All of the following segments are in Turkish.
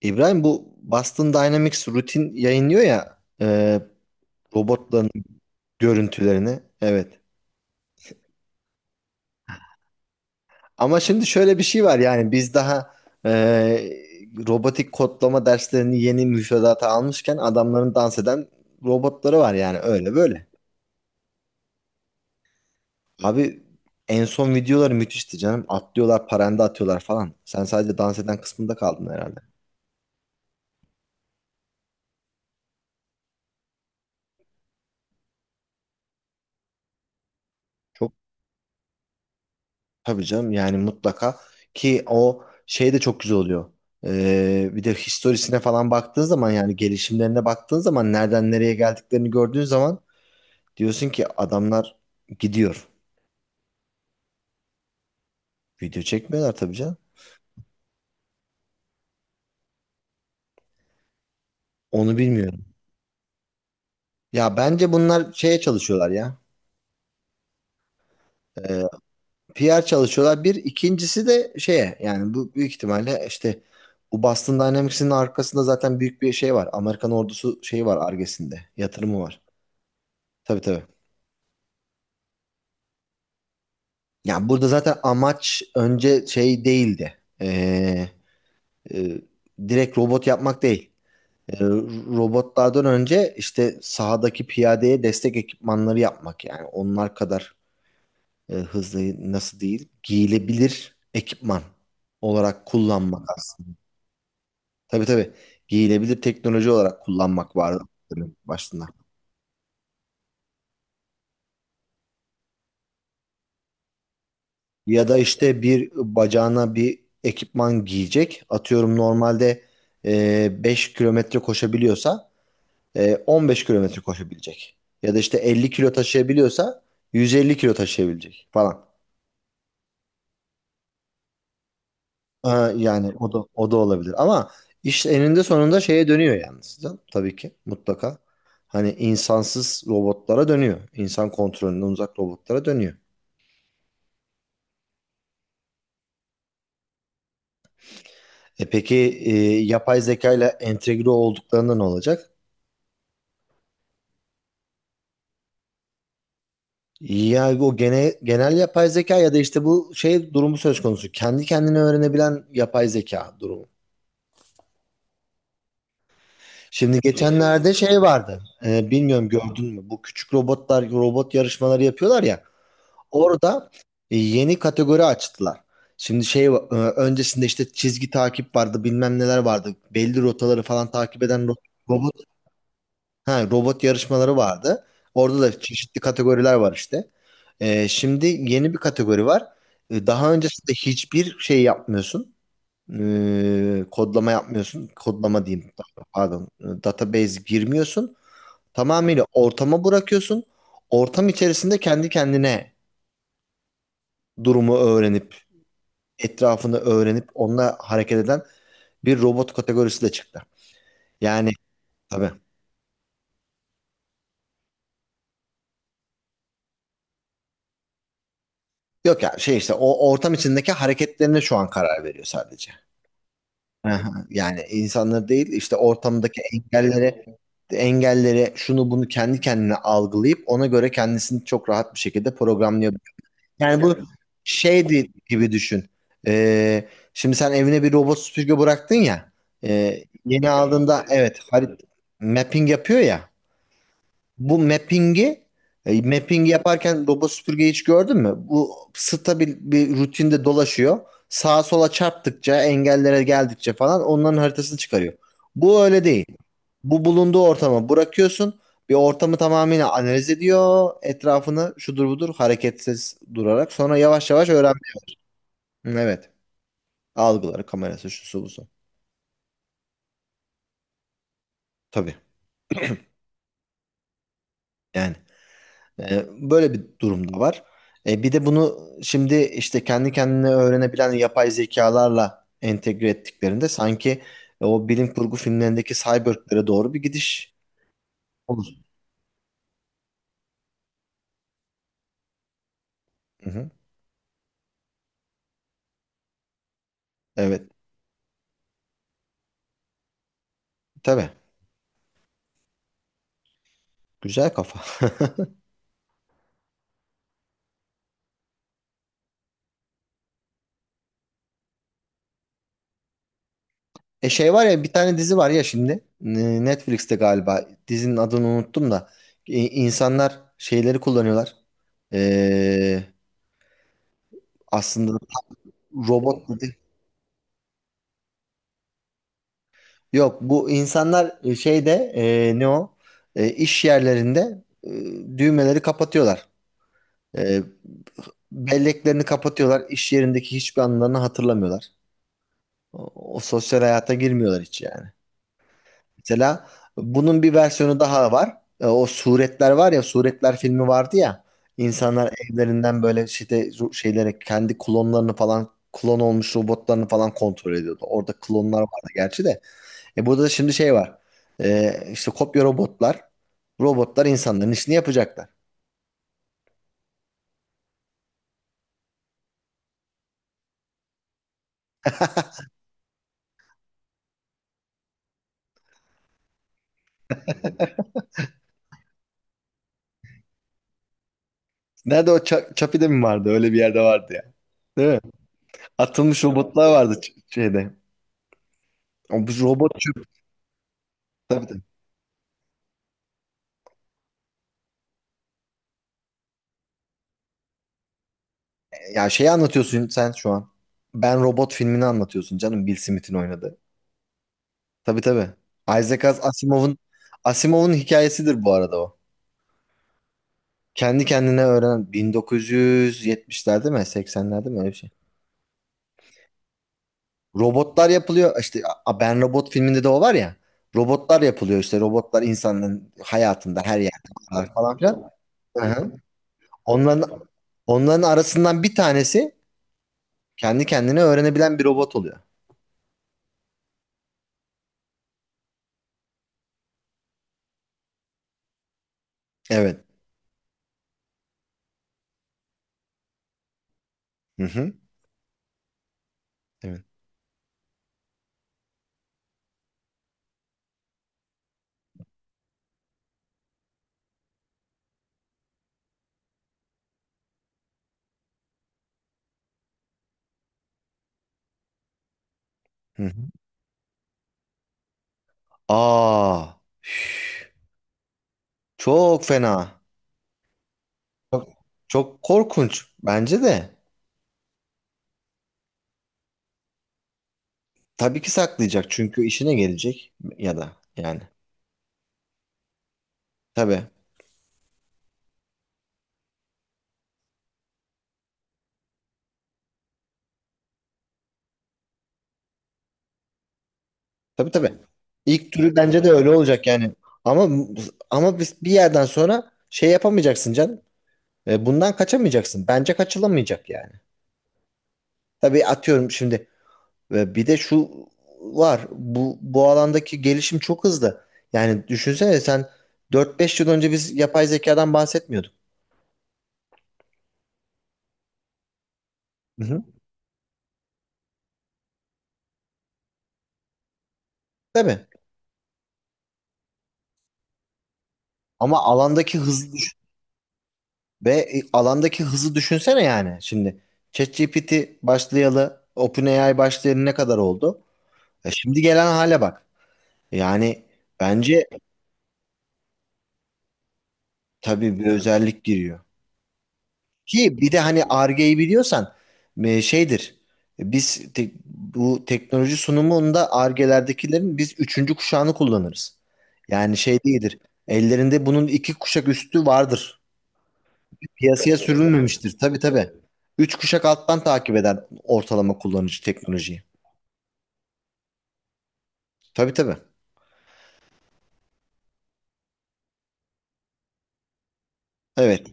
İbrahim bu Boston Dynamics rutin yayınlıyor ya robotların görüntülerini. Evet. Ama şimdi şöyle bir şey var yani biz daha e, robotik kodlama derslerini yeni müfredata almışken adamların dans eden robotları var yani öyle böyle. Abi en son videoları müthişti canım. Atlıyorlar, paranda atıyorlar falan. Sen sadece dans eden kısmında kaldın herhalde. Çok Tabii canım, yani mutlaka ki o şey de çok güzel oluyor. Bir de historisine falan baktığın zaman yani gelişimlerine baktığın zaman nereden nereye geldiklerini gördüğün zaman diyorsun ki adamlar gidiyor. Video çekmiyorlar tabii canım. Onu bilmiyorum. Ya bence bunlar şeye çalışıyorlar ya. Ee, PR çalışıyorlar. Bir ikincisi de şeye, yani bu büyük ihtimalle işte bu Boston Dynamics'in arkasında zaten büyük bir şey var. Amerikan ordusu şeyi var Ar-Ge'sinde. Yatırımı var. Tabii tabii. Ya burada zaten amaç önce şey değildi. E, direkt robot yapmak değil. Ee, Robotlardan önce işte sahadaki piyadeye destek ekipmanları yapmak, yani onlar kadar hızlı nasıl değil, giyilebilir ekipman olarak kullanmak aslında. Tabii tabii, giyilebilir teknoloji olarak kullanmak vardı bölüm başında. Ya da işte bir bacağına bir ekipman giyecek. Atıyorum normalde 5 kilometre koşabiliyorsa 15 kilometre koşabilecek. Ya da işte 50 kilo taşıyabiliyorsa 150 kilo taşıyabilecek falan. Ha, yani o da o da olabilir. Ama iş eninde sonunda şeye dönüyor yalnız. Tabii ki mutlaka. Hani insansız robotlara dönüyor. İnsan kontrolünden uzak robotlara dönüyor. E peki e, yapay zeka ile entegre olduklarında ne olacak? Ya genel yapay zeka ya da işte bu şey durumu söz konusu. Kendi kendine öğrenebilen yapay zeka durumu. Şimdi geçenlerde şey vardı. Bilmiyorum, gördün mü? Bu küçük robotlar robot yarışmaları yapıyorlar ya. Orada yeni kategori açtılar. Şimdi şey, öncesinde işte çizgi takip vardı, bilmem neler vardı. Belli rotaları falan takip eden robot ha robot yarışmaları vardı. Orada da çeşitli kategoriler var işte. Şimdi yeni bir kategori var. Daha öncesinde hiçbir şey yapmıyorsun. Kodlama yapmıyorsun. Kodlama diyeyim. Pardon. Database girmiyorsun. Tamamıyla ortama bırakıyorsun. Ortam içerisinde kendi kendine durumu öğrenip, etrafını öğrenip onunla hareket eden bir robot kategorisi de çıktı. Yani tabii. Yok ya, şey işte o ortam içindeki hareketlerine şu an karar veriyor sadece. Aha, yani insanlar değil, işte ortamdaki engelleri şunu bunu kendi kendine algılayıp ona göre kendisini çok rahat bir şekilde programlıyor. Yani bu Yani şeydi gibi düşün. Ee, Şimdi sen evine bir robot süpürge bıraktın ya. Ee, Yeni aldığında, evet, mapping yapıyor ya. Bu mapping'i Mapping yaparken robot süpürgeyi hiç gördün mü? Bu stabil bir rutinde dolaşıyor. Sağa sola çarptıkça, engellere geldikçe falan onların haritasını çıkarıyor. Bu öyle değil. Bu, bulunduğu ortama bırakıyorsun. Bir ortamı tamamıyla analiz ediyor. Etrafını şudur budur hareketsiz durarak. Sonra yavaş yavaş öğrenmeye. Evet. Algıları, kamerası, şusu busu. Tabii. Yani. E, Böyle bir durum da var. Bir de bunu şimdi işte kendi kendine öğrenebilen yapay zekalarla entegre ettiklerinde sanki o bilim kurgu filmlerindeki cyborglere doğru bir gidiş olur. Hı hı. Evet. Tabii. Güzel kafa. Şey var ya, bir tane dizi var ya şimdi, Netflix'te galiba, dizinin adını unuttum da insanlar şeyleri kullanıyorlar. Ee, Aslında robot yok, bu insanlar şeyde, e, ne o iş yerlerinde düğmeleri kapatıyorlar. E, Belleklerini kapatıyorlar. İş yerindeki hiçbir anılarını hatırlamıyorlar. O, o sosyal hayata girmiyorlar hiç yani. Mesela bunun bir versiyonu daha var. O Suretler var ya, Suretler filmi vardı ya. İnsanlar evlerinden böyle işte şeylere kendi klonlarını falan, klon olmuş robotlarını falan kontrol ediyordu. Orada klonlar vardı gerçi de. Burada da şimdi şey var. İşte kopya robotlar. Robotlar insanların işini yapacaklar. Nerede o, Çapi'de mi vardı? Öyle bir yerde vardı ya. Değil mi? Atılmış robotlar vardı şeyde. O bu robot çöp. Tabii tabii. Ya şeyi anlatıyorsun sen şu an. Ben Robot filmini anlatıyorsun canım. Bill Smith'in oynadığı. Tabii tabii. Isaac Asimov'un hikayesidir bu arada o. Kendi kendine öğrenen 1970'lerde mi 80'lerde mi öyle bir şey. Robotlar yapılıyor. İşte Ben Robot filminde de o var ya. Robotlar yapılıyor işte. Robotlar insanların hayatında her yerde varlar falan filan. Hı hı. Onların onların arasından bir tanesi kendi kendine öğrenebilen bir robot oluyor. Evet. Hı hı. Evet. Hı hı. Aa. Üf. Çok fena. Çok, çok korkunç bence de. Tabii ki saklayacak çünkü işine gelecek ya da yani. Tabii. Tabii tabii. İlk türü bence de öyle olacak yani. Ama ama biz bir yerden sonra şey yapamayacaksın canım. Bundan kaçamayacaksın. Bence kaçılamayacak yani. Tabii, atıyorum şimdi bir de şu var. Bu alandaki gelişim çok hızlı. Yani düşünsene, sen 4-5 yıl önce biz yapay zekadan bahsetmiyorduk. Hı hı. Değil. Ama alandaki hızı düş- ve e, Alandaki hızı düşünsene yani. Şimdi ChatGPT başlayalı, OpenAI başlayalı ne kadar oldu? Şimdi gelen hale bak. Yani bence tabii bir özellik giriyor. Ki bir de hani Ar-Ge'yi biliyorsan şeydir. Bu teknoloji sunumunda Ar-Ge'lerdekilerin biz üçüncü kuşağını kullanırız. Yani şey değildir. Ellerinde bunun iki kuşak üstü vardır. Piyasaya sürülmemiştir. Tabii tabii. Üç kuşak alttan takip eder ortalama kullanıcı teknolojiyi. Tabii tabii. Evet.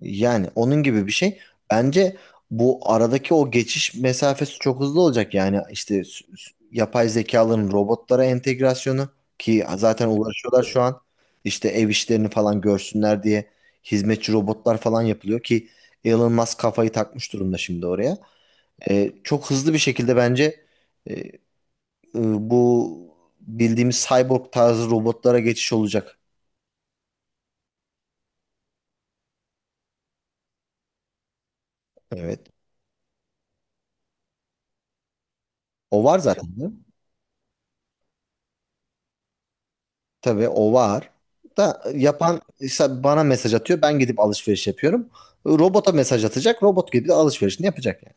Yani onun gibi bir şey. Bence bu aradaki o geçiş mesafesi çok hızlı olacak. Yani işte yapay zekaların robotlara entegrasyonu, ki zaten uğraşıyorlar şu an. İşte ev işlerini falan görsünler diye hizmetçi robotlar falan yapılıyor, ki Elon Musk kafayı takmış durumda şimdi oraya. Çok hızlı bir şekilde bence e, e, bu bildiğimiz cyborg tarzı robotlara geçiş olacak. Evet. O var zaten. Tabii o var. Da yapan işte bana mesaj atıyor. Ben gidip alışveriş yapıyorum. Robota mesaj atacak. Robot gibi de alışverişini yapacak yani?